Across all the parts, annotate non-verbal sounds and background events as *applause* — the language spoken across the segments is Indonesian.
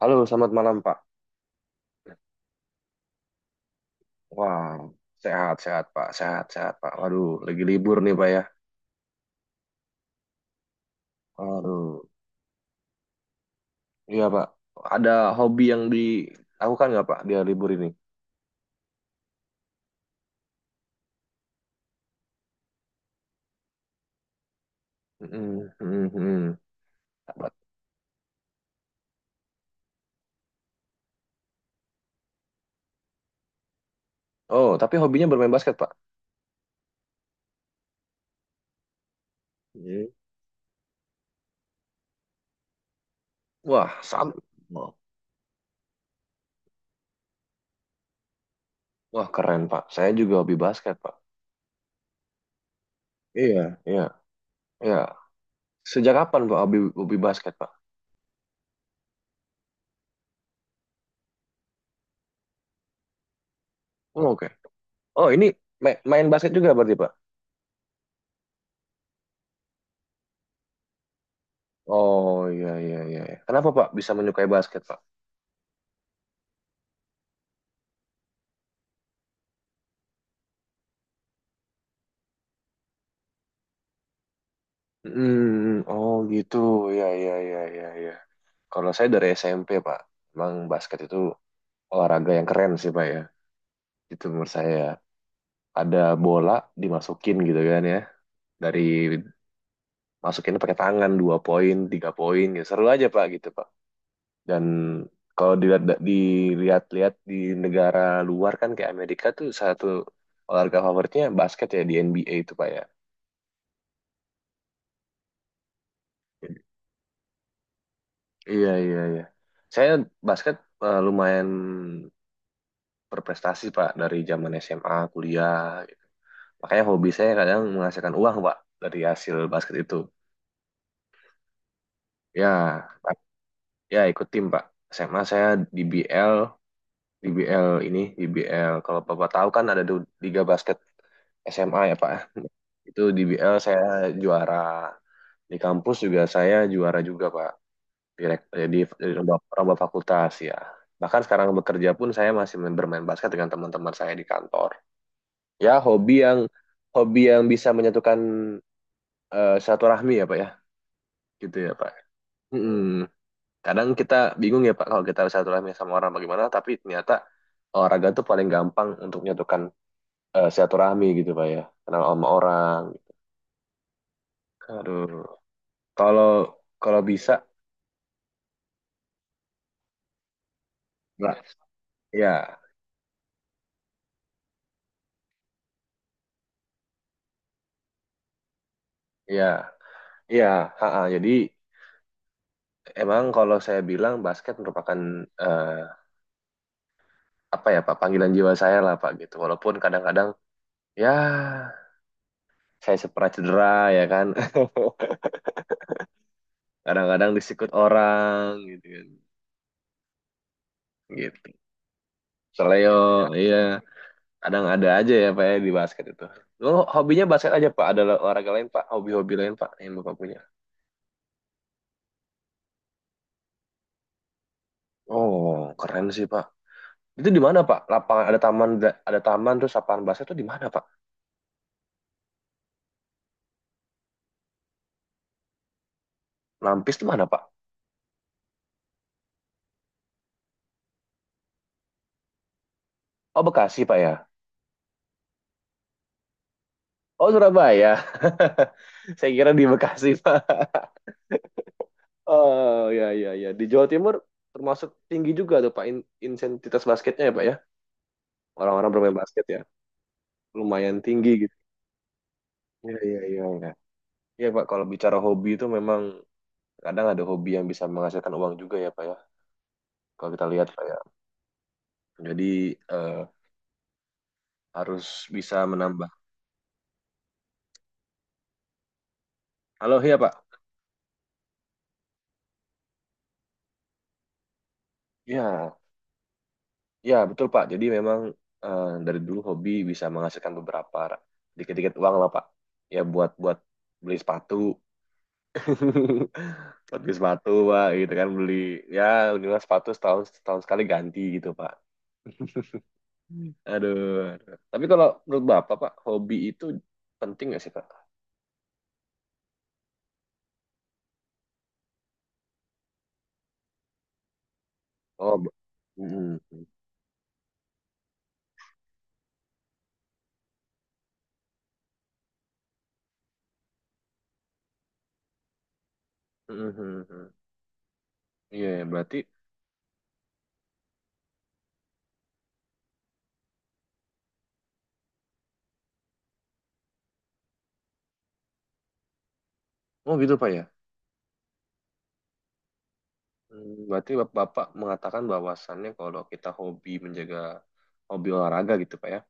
Halo, selamat malam Pak. Wah, sehat-sehat Pak, sehat-sehat Pak. Waduh, lagi libur nih Pak ya. Waduh, iya Pak. Ada hobi yang dilakukan nggak Pak dia libur ini? Mm-mm, mm-mm, mm-mm. Apa? Oh, tapi hobinya bermain basket Pak. Mm. Wah, sama. Wah, keren Pak. Saya juga hobi basket Pak. Iya, iya, iya. Sejak kapan Pak hobi basket Pak? Oh, oke. Oh, ini main basket juga berarti Pak? Oh, iya, iya, iya. Kenapa Pak bisa menyukai basket Pak? Hmm, oh gitu, ya ya ya ya ya. Kalau saya dari SMP Pak, emang basket itu olahraga yang keren sih Pak ya. Itu menurut saya ada bola dimasukin gitu kan ya, dari masukin pakai tangan 2 poin, 3 poin, gitu. Seru aja Pak gitu Pak. Dan kalau dilihat-lihat di negara luar kan kayak Amerika tuh satu olahraga favoritnya basket ya di NBA itu Pak ya. Iya iya iya. Saya basket lumayan berprestasi Pak dari zaman SMA, kuliah, gitu. Makanya hobi saya kadang menghasilkan uang Pak dari hasil basket itu. Ya, Pak, ya ikut tim Pak. SMA saya di BL, di BL ini, di BL. Kalau Bapak tahu kan ada Liga Basket SMA ya Pak. *laughs* Itu di BL saya juara. Di kampus juga saya juara juga Pak. Direkt, jadi lomba, lomba fakultas ya. Bahkan sekarang bekerja pun saya masih bermain basket dengan teman-teman saya di kantor. Ya hobi yang bisa menyatukan, silaturahmi ya Pak ya, gitu ya Pak. Mm-mm. Kadang kita bingung ya Pak kalau kita silaturahmi sama orang bagaimana, tapi ternyata olahraga tuh paling gampang untuk menyatukan, silaturahmi gitu Pak ya, kenal sama orang. Aduh, kalau kalau bisa Pak, ya ya ya, ha, ha. Jadi emang kalau saya bilang basket merupakan, eh, apa ya Pak, panggilan jiwa saya lah Pak gitu, walaupun kadang-kadang ya saya pernah cedera ya kan. *laughs* Kadang-kadang disikut orang gitu kan, gitu seleo. Iya, kadang ada aja ya Pak ya di basket itu. Lo, hobinya basket aja Pak? Ada olahraga lain Pak, hobi-hobi lain Pak yang Bapak punya? Oh, keren sih Pak. Itu di mana Pak lapangan ada taman, ada taman terus lapangan basket itu di mana Pak? Lampis itu mana Pak? Oh, Bekasi Pak ya? Oh, Surabaya. *laughs* Saya kira di Bekasi Pak. Oh ya ya ya, di Jawa Timur. Termasuk tinggi juga tuh Pak intensitas basketnya ya Pak ya, orang-orang bermain basket ya, lumayan tinggi gitu. Iya iya iya iya. Iya, Pak, kalau bicara hobi itu memang kadang ada hobi yang bisa menghasilkan uang juga ya Pak ya, kalau kita lihat Pak ya. Jadi, eh, harus bisa menambah. Halo, iya Pak. Iya iya, betul Pak. Jadi memang, dari dulu hobi bisa menghasilkan beberapa dikit-dikit uang lah Pak, ya buat buat beli sepatu. *laughs* Buat beli sepatu Pak, gitu kan. Beli, ya minimal sepatu setahun, setahun sekali ganti gitu Pak. Hmm. Aduh, aduh. Tapi kalau menurut Bapak, Pak, hobi itu penting nggak sih, Pak? Oh, mm-mm. Mm-mm. Iya, ya, berarti, oh gitu, Pak ya. Hmm, berarti Bapak mengatakan bahwasannya kalau kita hobi menjaga hobi olahraga gitu, Pak ya,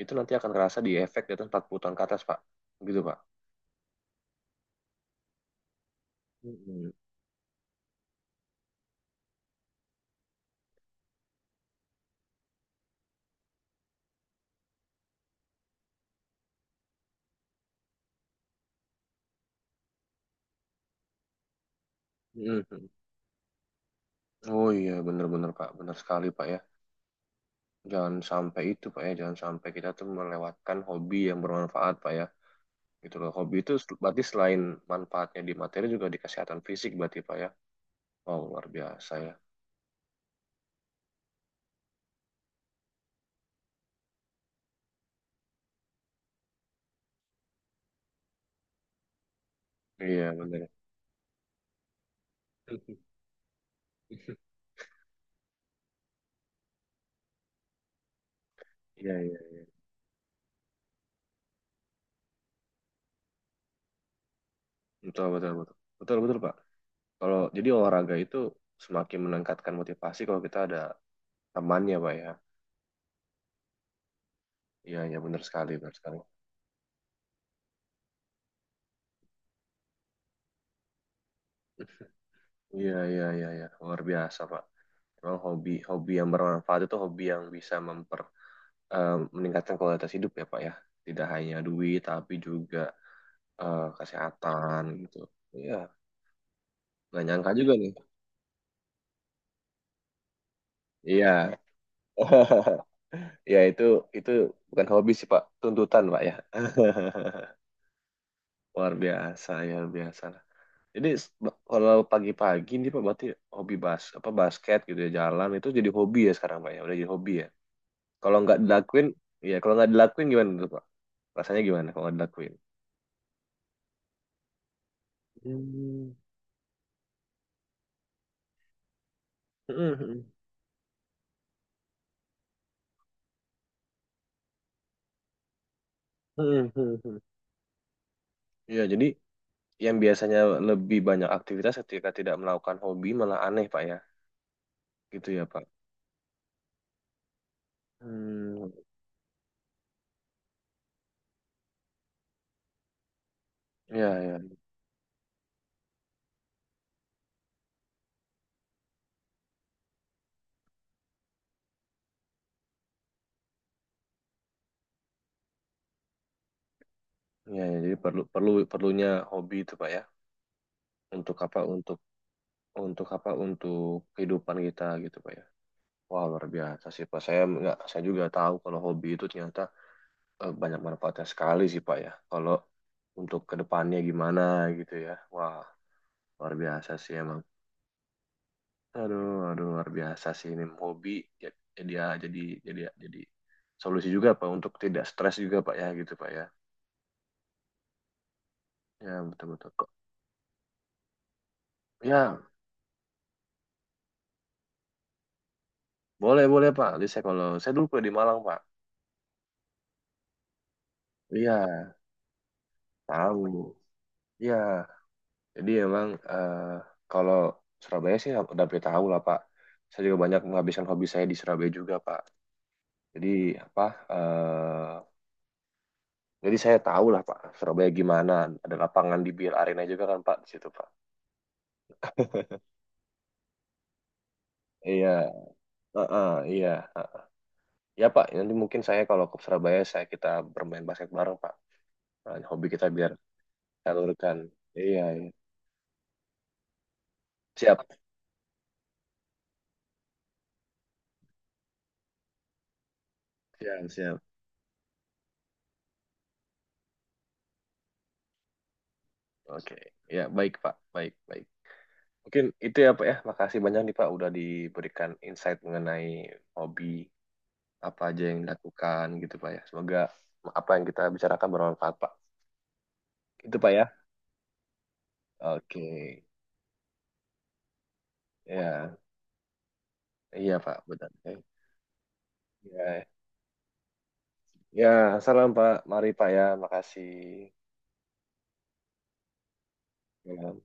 itu nanti akan kerasa di efek di atas 40 tahun ke atas, Pak. Gitu, Pak. Mm-mm. Mm-mm. Oh iya, benar-benar, Pak. Benar sekali, Pak ya. Jangan sampai itu, Pak ya. Jangan sampai kita tuh melewatkan hobi yang bermanfaat, Pak ya, gitu loh. Hobi itu berarti selain manfaatnya di materi juga di kesehatan fisik berarti Pak ya. Wow, luar biasa ya. Iya, benar. *laughs* Iya, iya. Betul, betul, betul. Betul, betul, Pak. Kalau jadi olahraga itu semakin meningkatkan motivasi kalau kita ada temannya, Pak ya. Iya, iya, benar sekali, benar sekali. Iya, iya, iya, iya. Luar biasa, Pak. Memang hobi, hobi yang bermanfaat itu hobi yang bisa eh, meningkatkan kualitas hidup ya, Pak ya. Tidak hanya duit, tapi juga, kesehatan gitu. Iya, gak nyangka juga nih. Iya. *laughs* Ya itu bukan hobi sih Pak, tuntutan Pak ya. *laughs* Luar biasa ya, luar biasa lah. Jadi kalau pagi-pagi nih Pak berarti hobi basket gitu ya, jalan itu jadi hobi ya sekarang Pak ya, udah jadi hobi ya. Kalau nggak dilakuin, kalau nggak dilakuin gimana tuh Pak? Rasanya gimana kalau nggak dilakuin? Hmm. Hmm. Hmm. Hmm. Hmm. Iya, jadi yang biasanya lebih banyak aktivitas ketika tidak melakukan hobi malah aneh Pak ya. Gitu ya Pak. Hmm, iya, ya, ya, ya, jadi perlu perlu perlunya hobi itu Pak ya. Untuk apa? Untuk apa? Untuk kehidupan kita gitu Pak ya. Wah, luar biasa sih Pak. Saya nggak, saya juga tahu kalau hobi itu ternyata, banyak manfaatnya sekali sih Pak ya. Kalau untuk kedepannya gimana, gitu ya. Wah, luar biasa sih emang. Aduh, aduh, luar biasa sih ini hobi. Ya, jadi ya, jadi solusi juga Pak untuk tidak stres juga Pak ya, gitu Pak ya. Ya, betul betul kok. Ya boleh boleh Pak. Jadi saya kalau saya dulu kuliah di Malang Pak. Iya, tahu. Ya, jadi emang, kalau Surabaya sih udah pasti tahu lah Pak. Saya juga banyak menghabiskan hobi saya di Surabaya juga Pak. Jadi apa? eh, jadi saya tahu lah Pak Surabaya gimana. Ada lapangan di bir Arena juga kan Pak di situ Pak. Iya, heeh, iya. eh. Ya Pak, nanti mungkin saya kalau ke Surabaya, kita bermain basket bareng Pak. Nah, hobi kita biar salurkan. Iya, iya. Siap, siap, siap. Oke, ya baik Pak, baik, baik. Mungkin itu ya Pak ya. Makasih banyak nih Pak udah diberikan insight mengenai hobi apa aja yang dilakukan gitu Pak ya. Semoga apa yang kita bicarakan bermanfaat Pak. Itu Pak ya. Oke. Ya, iya Pak, benar. Ya. Ya, ya, salam Pak. Mari Pak ya. Makasih. Ya.